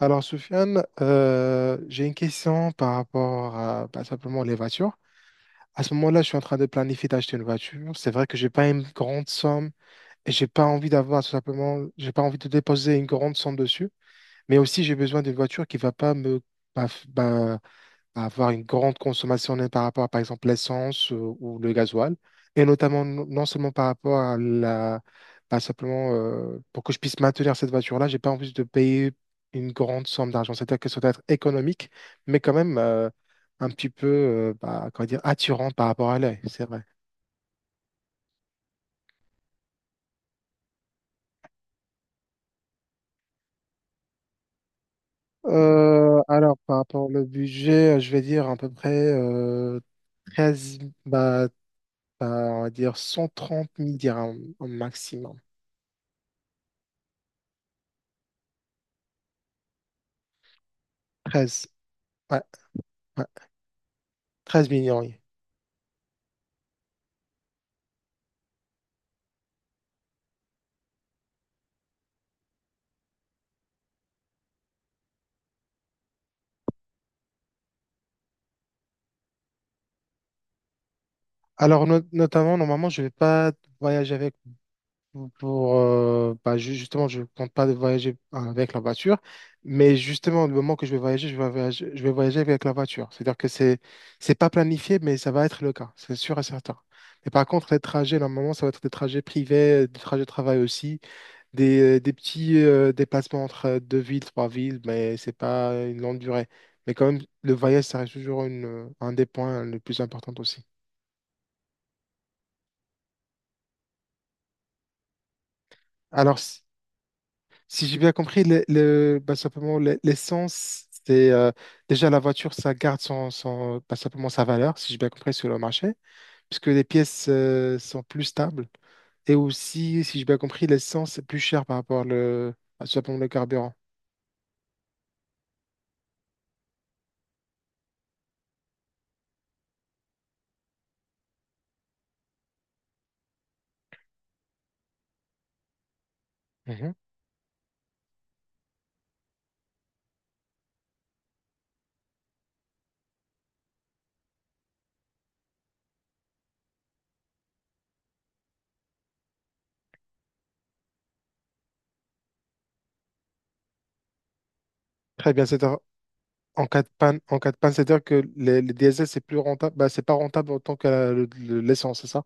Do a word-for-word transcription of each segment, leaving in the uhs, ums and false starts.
Alors, Soufiane, euh, j'ai une question par rapport à bah, simplement les voitures. À ce moment-là, je suis en train de planifier d'acheter une voiture. C'est vrai que j'ai pas une grande somme et j'ai pas envie d'avoir tout simplement, j'ai pas envie de déposer une grande somme dessus. Mais aussi, j'ai besoin d'une voiture qui va pas me, bah, f- bah, à avoir une grande consommation net par rapport à, par exemple, l'essence euh, ou le gasoil, et notamment non non seulement par rapport à la, pas simplement euh, pour que je puisse maintenir cette voiture-là, j'ai pas envie de payer une grande somme d'argent. C'est-à-dire que ça doit être économique, mais quand même euh, un petit peu, euh, bah, comment dire, attirant par rapport à l'œil, c'est vrai. Euh, alors, par rapport au budget, euh, je vais dire à peu près euh, treize, bah, bah, on va dire cent trente mille dirhams au maximum. Treize, ouais, treize millions, oui. Alors, no- notamment, normalement, je vais pas voyager avec pour, pour, euh, bah, ju- justement, je compte pas voyager avec la voiture, mais justement, le moment que je vais voyager, je vais voyager, je vais voyager avec la voiture. C'est-à-dire que c'est, c'est pas planifié, mais ça va être le cas, c'est sûr et certain. Mais par contre, les trajets, normalement, ça va être des trajets privés, des trajets de travail aussi, des, des petits euh, déplacements entre deux villes, trois villes, mais c'est pas une longue durée. Mais quand même, le voyage, ça reste toujours une, un des points les plus importants aussi. Alors, si si j'ai bien compris, le, le- bah, simplement, le- l'essence, c'est euh, déjà la voiture, ça garde son, son, bah, simplement sa valeur, si j'ai bien compris, sur le marché, puisque les pièces euh, sont plus stables. Et aussi, si j'ai bien compris, l'essence est plus chère par rapport le, à simplement le carburant. Mhm. Très bien, c'est en cas de panne, en cas de panne, c'est-à-dire que les, les diesel, c'est plus rentable, bah, c'est pas rentable autant que la- le- le- l'essence, c'est ça?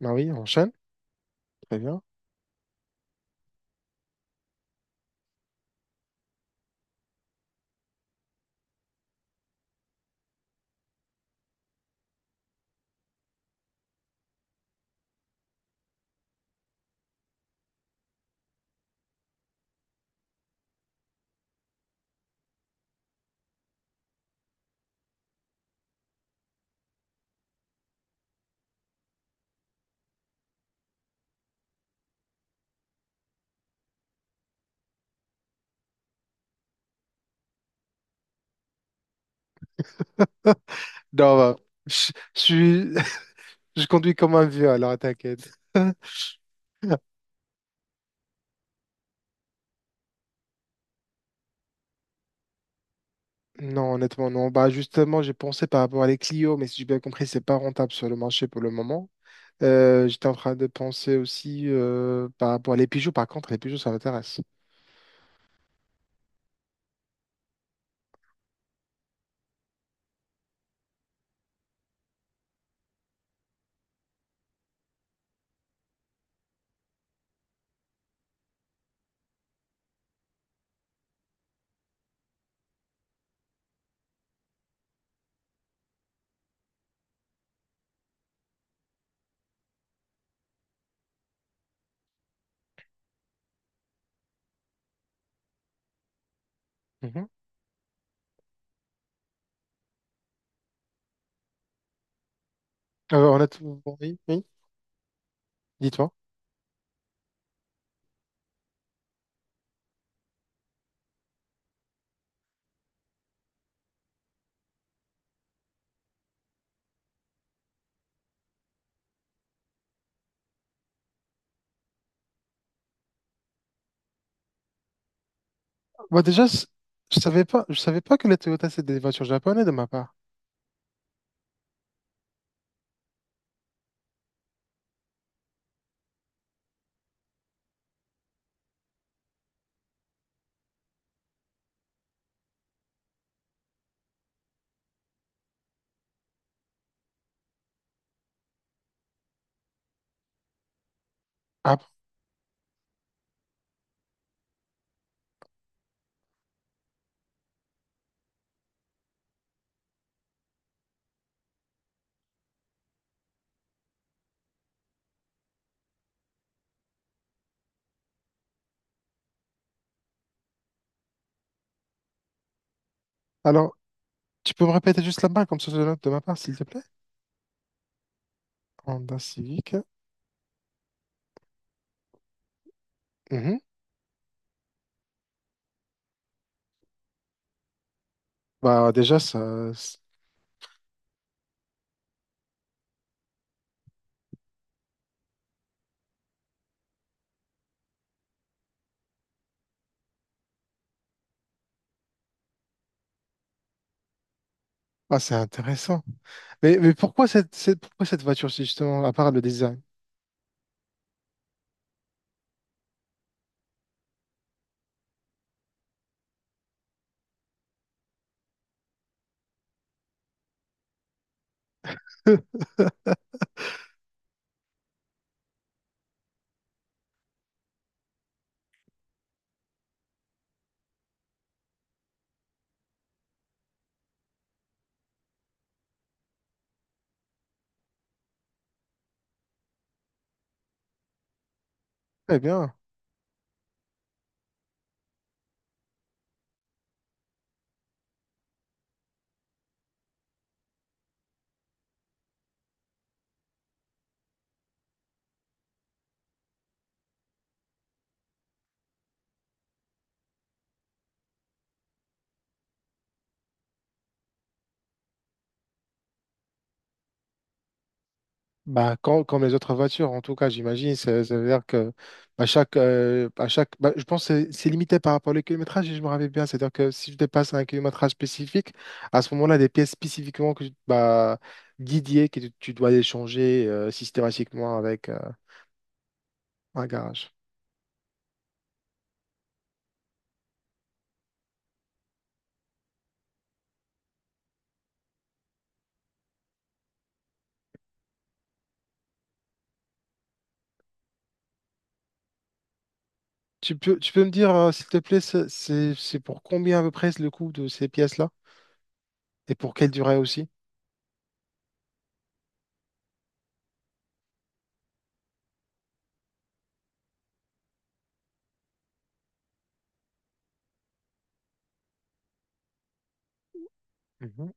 Bah oui, on enchaîne, très bien. Non, bah, je je suis Je conduis comme un vieux, alors t'inquiète. Non, honnêtement, non. Bah, justement, j'ai pensé par rapport à les Clio, mais si j'ai bien compris, c'est pas rentable sur le marché pour le moment. Euh, j'étais en train de penser aussi euh, par rapport à les Peugeot. Par contre, les Peugeot, ça m'intéresse. Mhm. Euh, honnêtement, oui, oui. Dis-toi. Bah, déjà, c- je savais pas, je savais pas que les Toyota, c'est des voitures japonaises de ma part. Ah, bon. Alors, tu peux me répéter juste la marque comme ça, je note de ma part, s'il te plaît? Honda Civic. Mhm. Bah, déjà, ça. Ah, c'est intéressant. Mais, mais pourquoi cette, cette- pourquoi cette voiture, si justement, à part le design? Très bien. Bah, quand- comme les autres voitures, en tout cas, j'imagine, ça, ça veut dire que à chaque, euh, à chaque, bah, je pense que c'est c'est limité par rapport au kilométrage, si je me rappelle bien. C'est-à-dire que si je dépasse un kilométrage spécifique, à ce moment-là, des pièces spécifiquement que, tu- bah, dédiées que tu tu dois échanger euh, systématiquement avec euh, un garage. Tu peux, tu peux me dire, euh, s'il te plaît, c'est c'est- c'est pour combien à peu près le coût de ces pièces-là? Et pour quelle durée aussi? Mhm.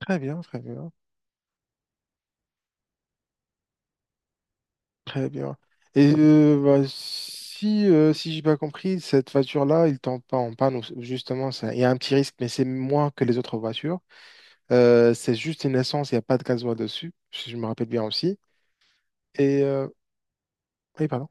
Très bien, très bien, très bien. Et euh, bah, si, euh, si j'ai pas compris, cette voiture-là, il tombe pas en panne, ou- justement, ça- il y a un petit risque, mais c'est moins que les autres voitures. Euh, c'est juste une essence, il n'y a pas de gasoil dessus, si je me rappelle bien aussi. Et euh, Oui, pardon.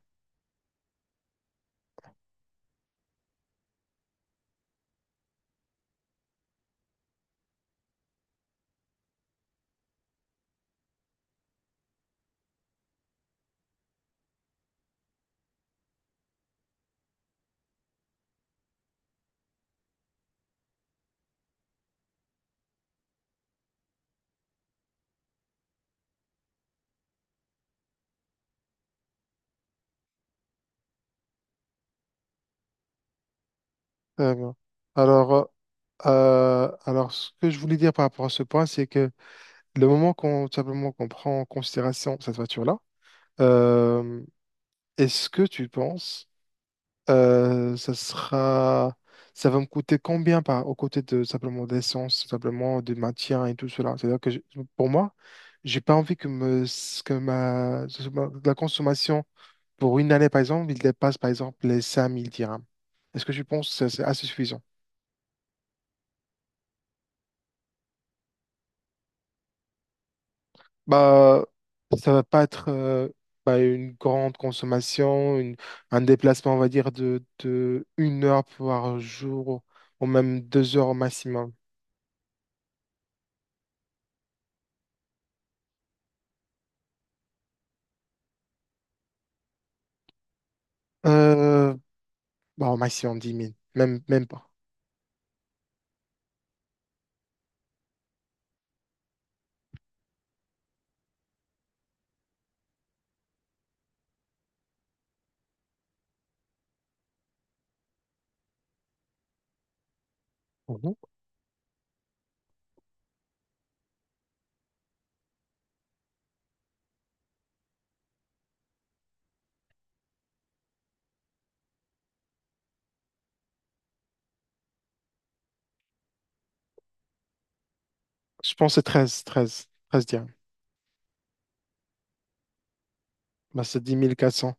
Euh, alors, euh, alors, ce que je voulais dire par rapport à ce point, c'est que le moment qu'on tout simplement qu'on prend en considération cette voiture-là, euh, est-ce que tu penses euh, ça sera, ça va me coûter combien par aux côtés de simplement d'essence, tout simplement de maintien et tout cela? C'est-à-dire que je- pour moi, j'ai pas envie que me que ma la consommation pour une année par exemple, il dépasse par exemple les cinq mille dirhams. Est-ce que tu penses que c'est assez suffisant? Bah, ça va pas être euh, bah, une grande consommation, une- un déplacement, on va dire, de, de une heure par jour, ou même deux heures au maximum. Euh, Bah, au maximum dix mille, même, même pas. Mhm. Je pense que c'est treize treize treize dire. Bah, c'est dix mille quatre cents.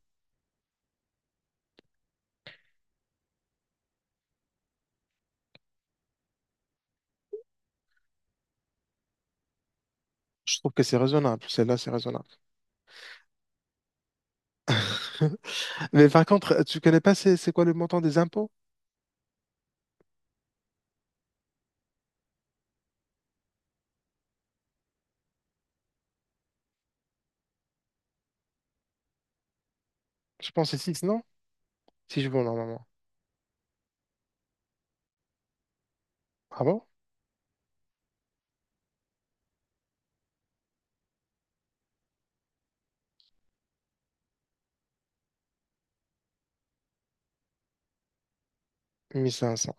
Je trouve que c'est raisonnable. Celle-là, c'est raisonnable. Mais par contre, euh, tu connais pas c'est c'est quoi le montant des impôts? Je pense que c'est six, non? Si je veux, normalement. Ah bon? Mille cinq cents.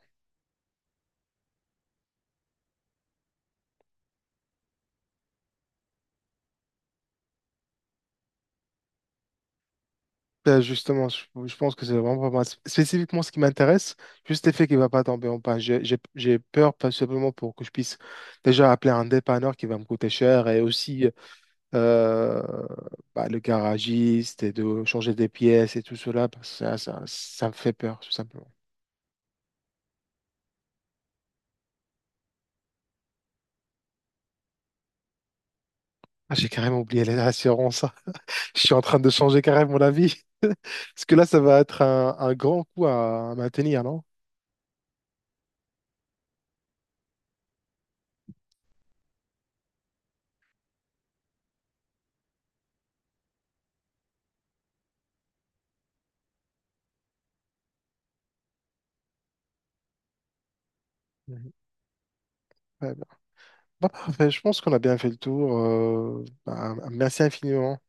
Ben, justement, je, je pense que c'est vraiment pas mal. Spécifiquement, ce qui m'intéresse, juste le fait qu'il ne va pas tomber en panne. J'ai j'ai- j'ai peur, pas simplement pour que je puisse déjà appeler un dépanneur qui va me coûter cher et aussi euh, bah, le garagiste et de changer des pièces et tout cela. Parce que ça, ça, ça me fait peur, tout simplement. Ah, j'ai carrément oublié les assurances. Je suis en train de changer carrément mon avis. Parce que là, ça va être un, un grand coup à maintenir, non? Mhm. Ouais, bah, bah, parfait, je pense qu'on a bien fait le tour. Euh, bah, merci infiniment.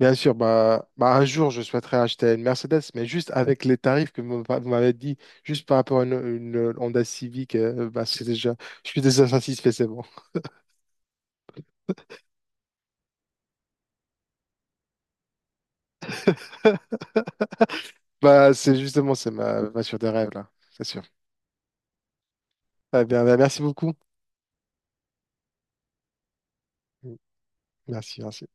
Bien sûr, bah, bah, un jour, je souhaiterais acheter une Mercedes, mais juste avec les tarifs que vous m'a- vous m'avez dit, juste par rapport à une, une Honda Civic, euh, bah, c'est déjà, je suis déjà satisfait, c'est bon. Bah, c'est justement, c'est ma voiture des rêves, là, c'est sûr. Ah bien, bah, merci beaucoup. Merci, merci.